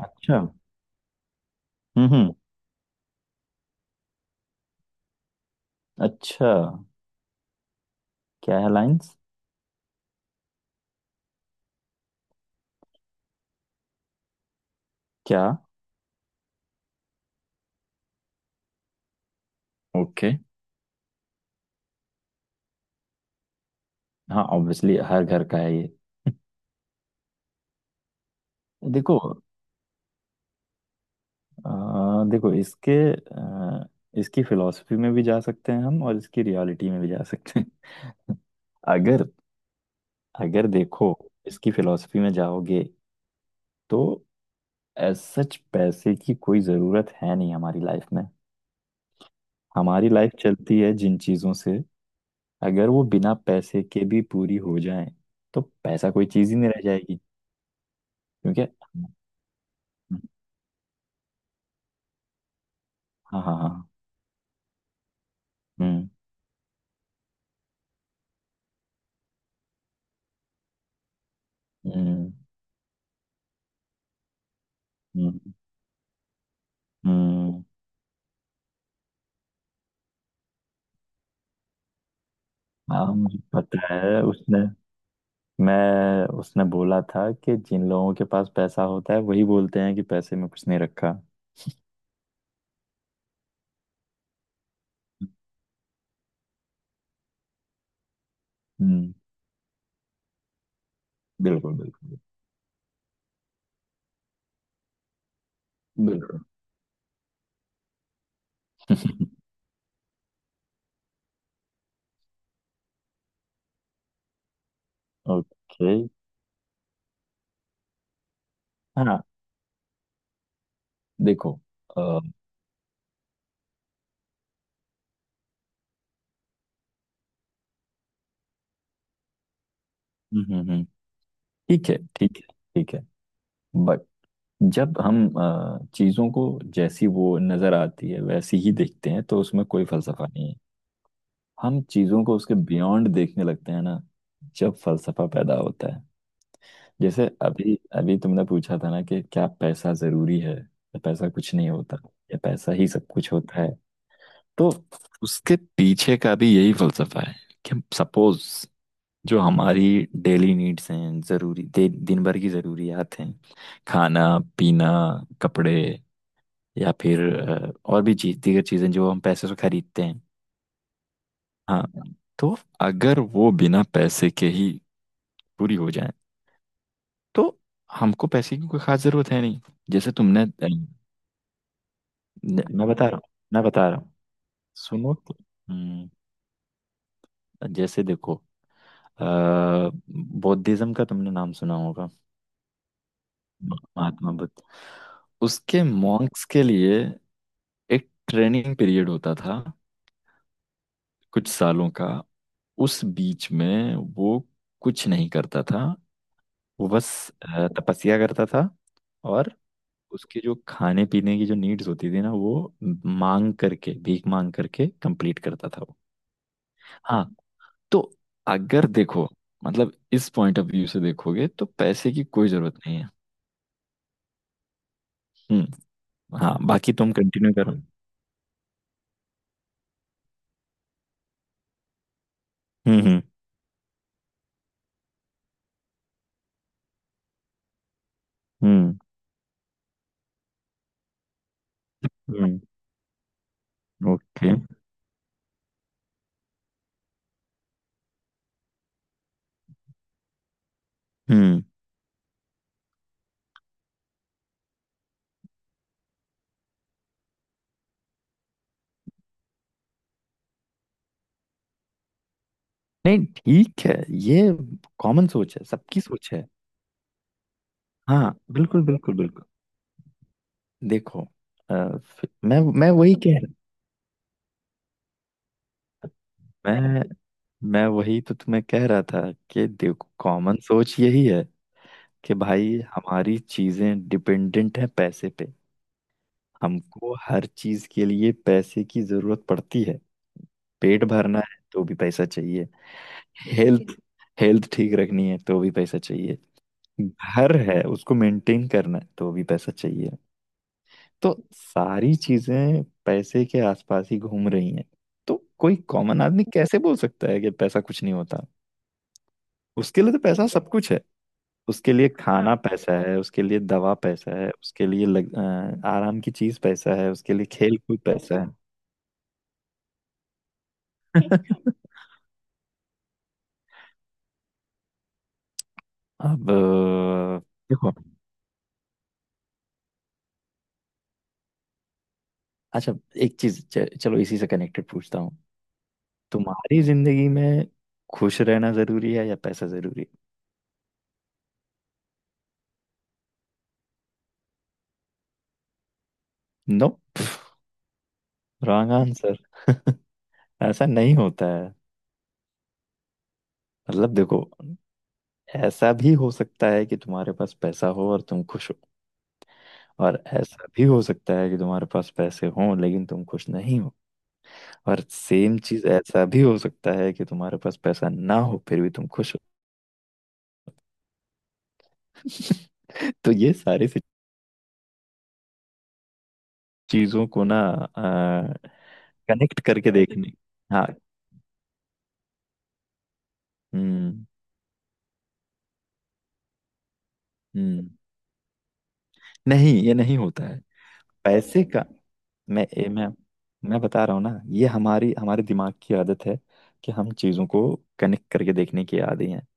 अच्छा। हम्म। हम्म। अच्छा। क्या है लाइंस? क्या? ओके। हाँ, ऑब्वियसली हर घर का है ये। देखो, अ, देखो इसके अ, इसकी फिलॉसफी में भी जा सकते हैं हम, और इसकी रियलिटी में भी जा सकते हैं। अगर अगर देखो, इसकी फिलॉसफी में जाओगे तो एज सच पैसे की कोई ज़रूरत है नहीं हमारी लाइफ में। हमारी लाइफ चलती है जिन चीज़ों से, अगर वो बिना पैसे के भी पूरी हो जाए तो पैसा कोई चीज़ ही नहीं रह जाएगी, क्योंकि। हाँ, हाँ, हाँ। हम्म। हम्म। हम्म। हम्म। हम्म। हाँ, मुझे पता है। उसने बोला था कि जिन लोगों के पास पैसा होता है वही बोलते हैं कि पैसे में कुछ नहीं रखा। हम्म। बिल्कुल बिल्कुल बिल्कुल। ओके। हाँ। देखो हम्म। हम्म। हम्म। ठीक है, ठीक है, ठीक है। बट जब हम चीजों को जैसी वो नजर आती है वैसी ही देखते हैं तो उसमें कोई फलसफा नहीं है। हम चीजों को उसके बियॉन्ड देखने लगते हैं ना, जब फलसफा पैदा होता है। जैसे अभी अभी तुमने पूछा था ना कि क्या पैसा जरूरी है, या पैसा कुछ नहीं होता, या पैसा ही सब कुछ होता है। तो उसके पीछे का भी यही फलसफा है कि सपोज जो हमारी डेली नीड्स हैं, जरूरी दिन भर की जरूरियात हैं: खाना, पीना, कपड़े, या फिर और भी चीज दीगर चीजें जो हम पैसे से खरीदते हैं। हाँ। तो अगर वो बिना पैसे के ही पूरी हो जाए तो हमको पैसे की कोई खास जरूरत है नहीं। जैसे तुमने। मैं बता रहा हूँ, मैं बता रहा हूँ, सुनो तो। हम्म। जैसे देखो, बौद्धिज्म का तुमने नाम सुना होगा, महात्मा बुद्ध। उसके मॉन्क्स के लिए एक ट्रेनिंग पीरियड होता था, कुछ सालों का। उस बीच में वो कुछ नहीं करता था, वो बस तपस्या करता था। और उसके जो खाने पीने की जो नीड्स होती थी ना, वो मांग करके, भीख मांग करके कंप्लीट करता था वो। हाँ। तो अगर देखो, मतलब इस पॉइंट ऑफ व्यू से देखोगे तो पैसे की कोई जरूरत नहीं है। हम्म। हाँ, बाकी तुम कंटिन्यू करो। हम्म। हम्म। हम्म। हम्म। ओके। हम्म। नहीं, ठीक है। ये कॉमन सोच है, सबकी सोच है। हाँ, बिल्कुल बिल्कुल बिल्कुल। देखो अ, मैं वही कह रहा। मैं मैं वही तो तुम्हें कह रहा था कि देखो, कॉमन सोच यही है कि भाई हमारी चीजें डिपेंडेंट हैं पैसे पे। हमको हर चीज के लिए पैसे की जरूरत पड़ती है। पेट भरना है तो भी पैसा चाहिए। हेल्थ, हेल्थ ठीक रखनी है तो भी पैसा चाहिए। घर है, उसको मेंटेन करना है तो भी पैसा चाहिए। तो सारी चीजें पैसे के आसपास ही घूम रही हैं। तो कोई कॉमन आदमी कैसे बोल सकता है कि पैसा कुछ नहीं होता? उसके लिए तो पैसा सब कुछ है। उसके लिए हाँ खाना, हाँ पैसा है, उसके लिए दवा पैसा है, उसके लिए आराम की चीज पैसा है, उसके लिए खेल कूद पैसा है। अब देखो, अच्छा, एक चीज, चलो इसी से कनेक्टेड पूछता हूँ। तुम्हारी जिंदगी में खुश रहना जरूरी है या पैसा जरूरी है? No, wrong answer. ऐसा नहीं होता है। मतलब देखो, ऐसा भी हो सकता है कि तुम्हारे पास पैसा हो और तुम खुश हो, और ऐसा भी हो सकता है कि तुम्हारे पास पैसे हों लेकिन तुम खुश नहीं हो, और सेम चीज, ऐसा भी हो सकता है कि तुम्हारे पास पैसा ना हो फिर भी तुम खुश हो। तो ये सारी चीजों को ना कनेक्ट करके देखने। हाँ। हम्म। हम्म। नहीं, ये नहीं होता है, पैसे का। मैं ए, मैं बता रहा हूँ ना, ये हमारी, हमारे दिमाग की आदत है कि हम चीजों को कनेक्ट करके देखने की आदी हैं।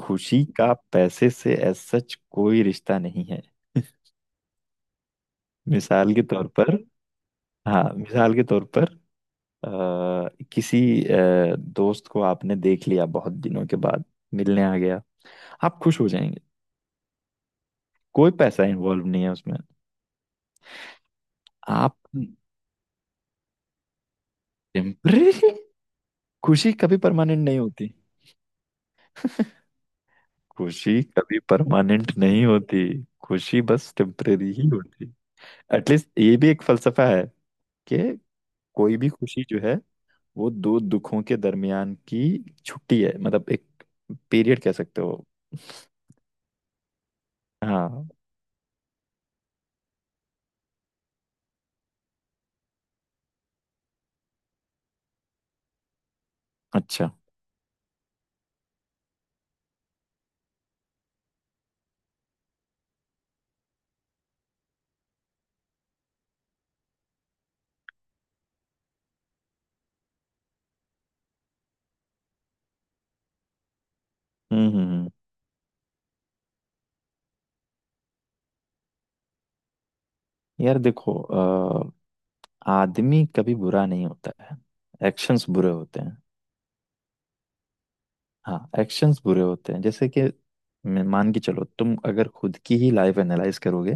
खुशी का पैसे से एज सच कोई रिश्ता नहीं है। मिसाल के तौर पर, हाँ, मिसाल के तौर पर आ, किसी दोस्त को आपने देख लिया बहुत दिनों के बाद, मिलने आ गया, आप खुश हो जाएंगे। कोई पैसा इन्वॉल्व नहीं है उसमें। आप टेम्परेरी। खुशी कभी परमानेंट नहीं होती। खुशी कभी परमानेंट नहीं होती। खुशी बस टेम्परेरी ही होती। एटलीस्ट ये भी एक फलसफा है कि कोई भी खुशी जो है, वो दो दुखों के दरमियान की छुट्टी है, मतलब एक पीरियड कह सकते हो। हाँ, अच्छा। हम्म। हम्म। हम्म। यार देखो आदमी कभी बुरा नहीं होता है, एक्शंस बुरे होते हैं। हाँ, एक्शंस बुरे होते हैं। जैसे कि मान के चलो, तुम अगर खुद की ही लाइफ एनालाइज करोगे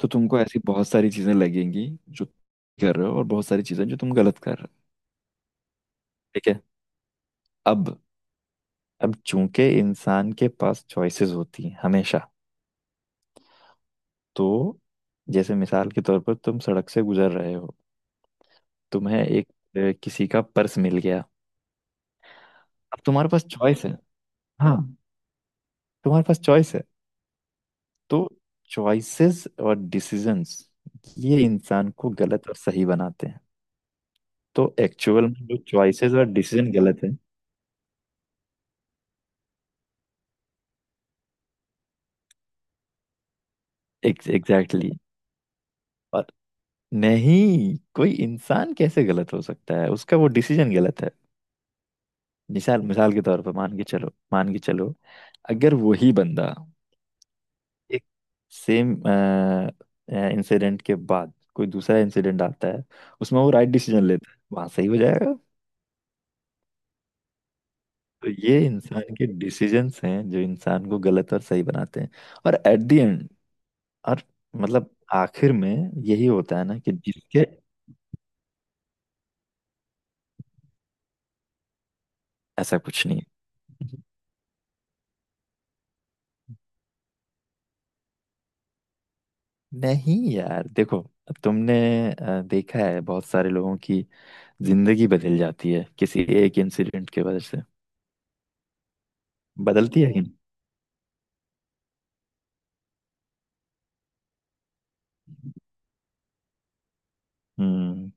तो तुमको ऐसी बहुत सारी चीजें लगेंगी जो कर रहे हो, और बहुत सारी चीजें जो तुम गलत कर रहे हो। ठीक है। अब अब चूंकि इंसान के पास चॉइसेस होती हैं हमेशा, तो जैसे मिसाल के तौर पर, तुम सड़क से गुजर रहे हो, तुम्हें एक, किसी का पर्स मिल गया, अब तुम्हारे पास चॉइस है। हाँ, तुम्हारे पास चॉइस है। तो चॉइसेस और डिसीजंस, ये इंसान को गलत और सही बनाते हैं। तो एक्चुअल में जो चॉइसेस और डिसीजन गलत है, एग्जैक्टली। और नहीं, कोई इंसान कैसे गलत हो सकता है? उसका वो डिसीजन गलत है। मिसाल मिसाल के तौर पर, मान के चलो, मान के चलो, अगर वही बंदा एक सेम इंसिडेंट के बाद कोई दूसरा इंसिडेंट आता है, उसमें वो राइट डिसीजन लेता है, वहां सही हो जाएगा। तो ये इंसान के डिसीजंस हैं जो इंसान को गलत और सही बनाते हैं। और एट द एंड, और मतलब आखिर में, यही होता है ना कि जिसके। ऐसा कुछ नहीं है। नहीं यार देखो, अब तुमने देखा है, बहुत सारे लोगों की जिंदगी बदल जाती है किसी एक इंसिडेंट के वजह से। बदलती है कि नहीं? हम्म।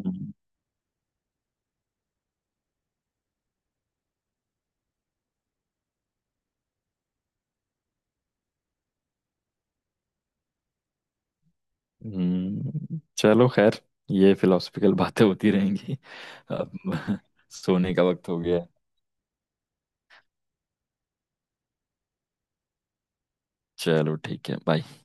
हम्म। हम्म। चलो खैर, ये फिलोसफिकल बातें होती रहेंगी। अब सोने का वक्त हो गया है। चलो, ठीक है, बाय।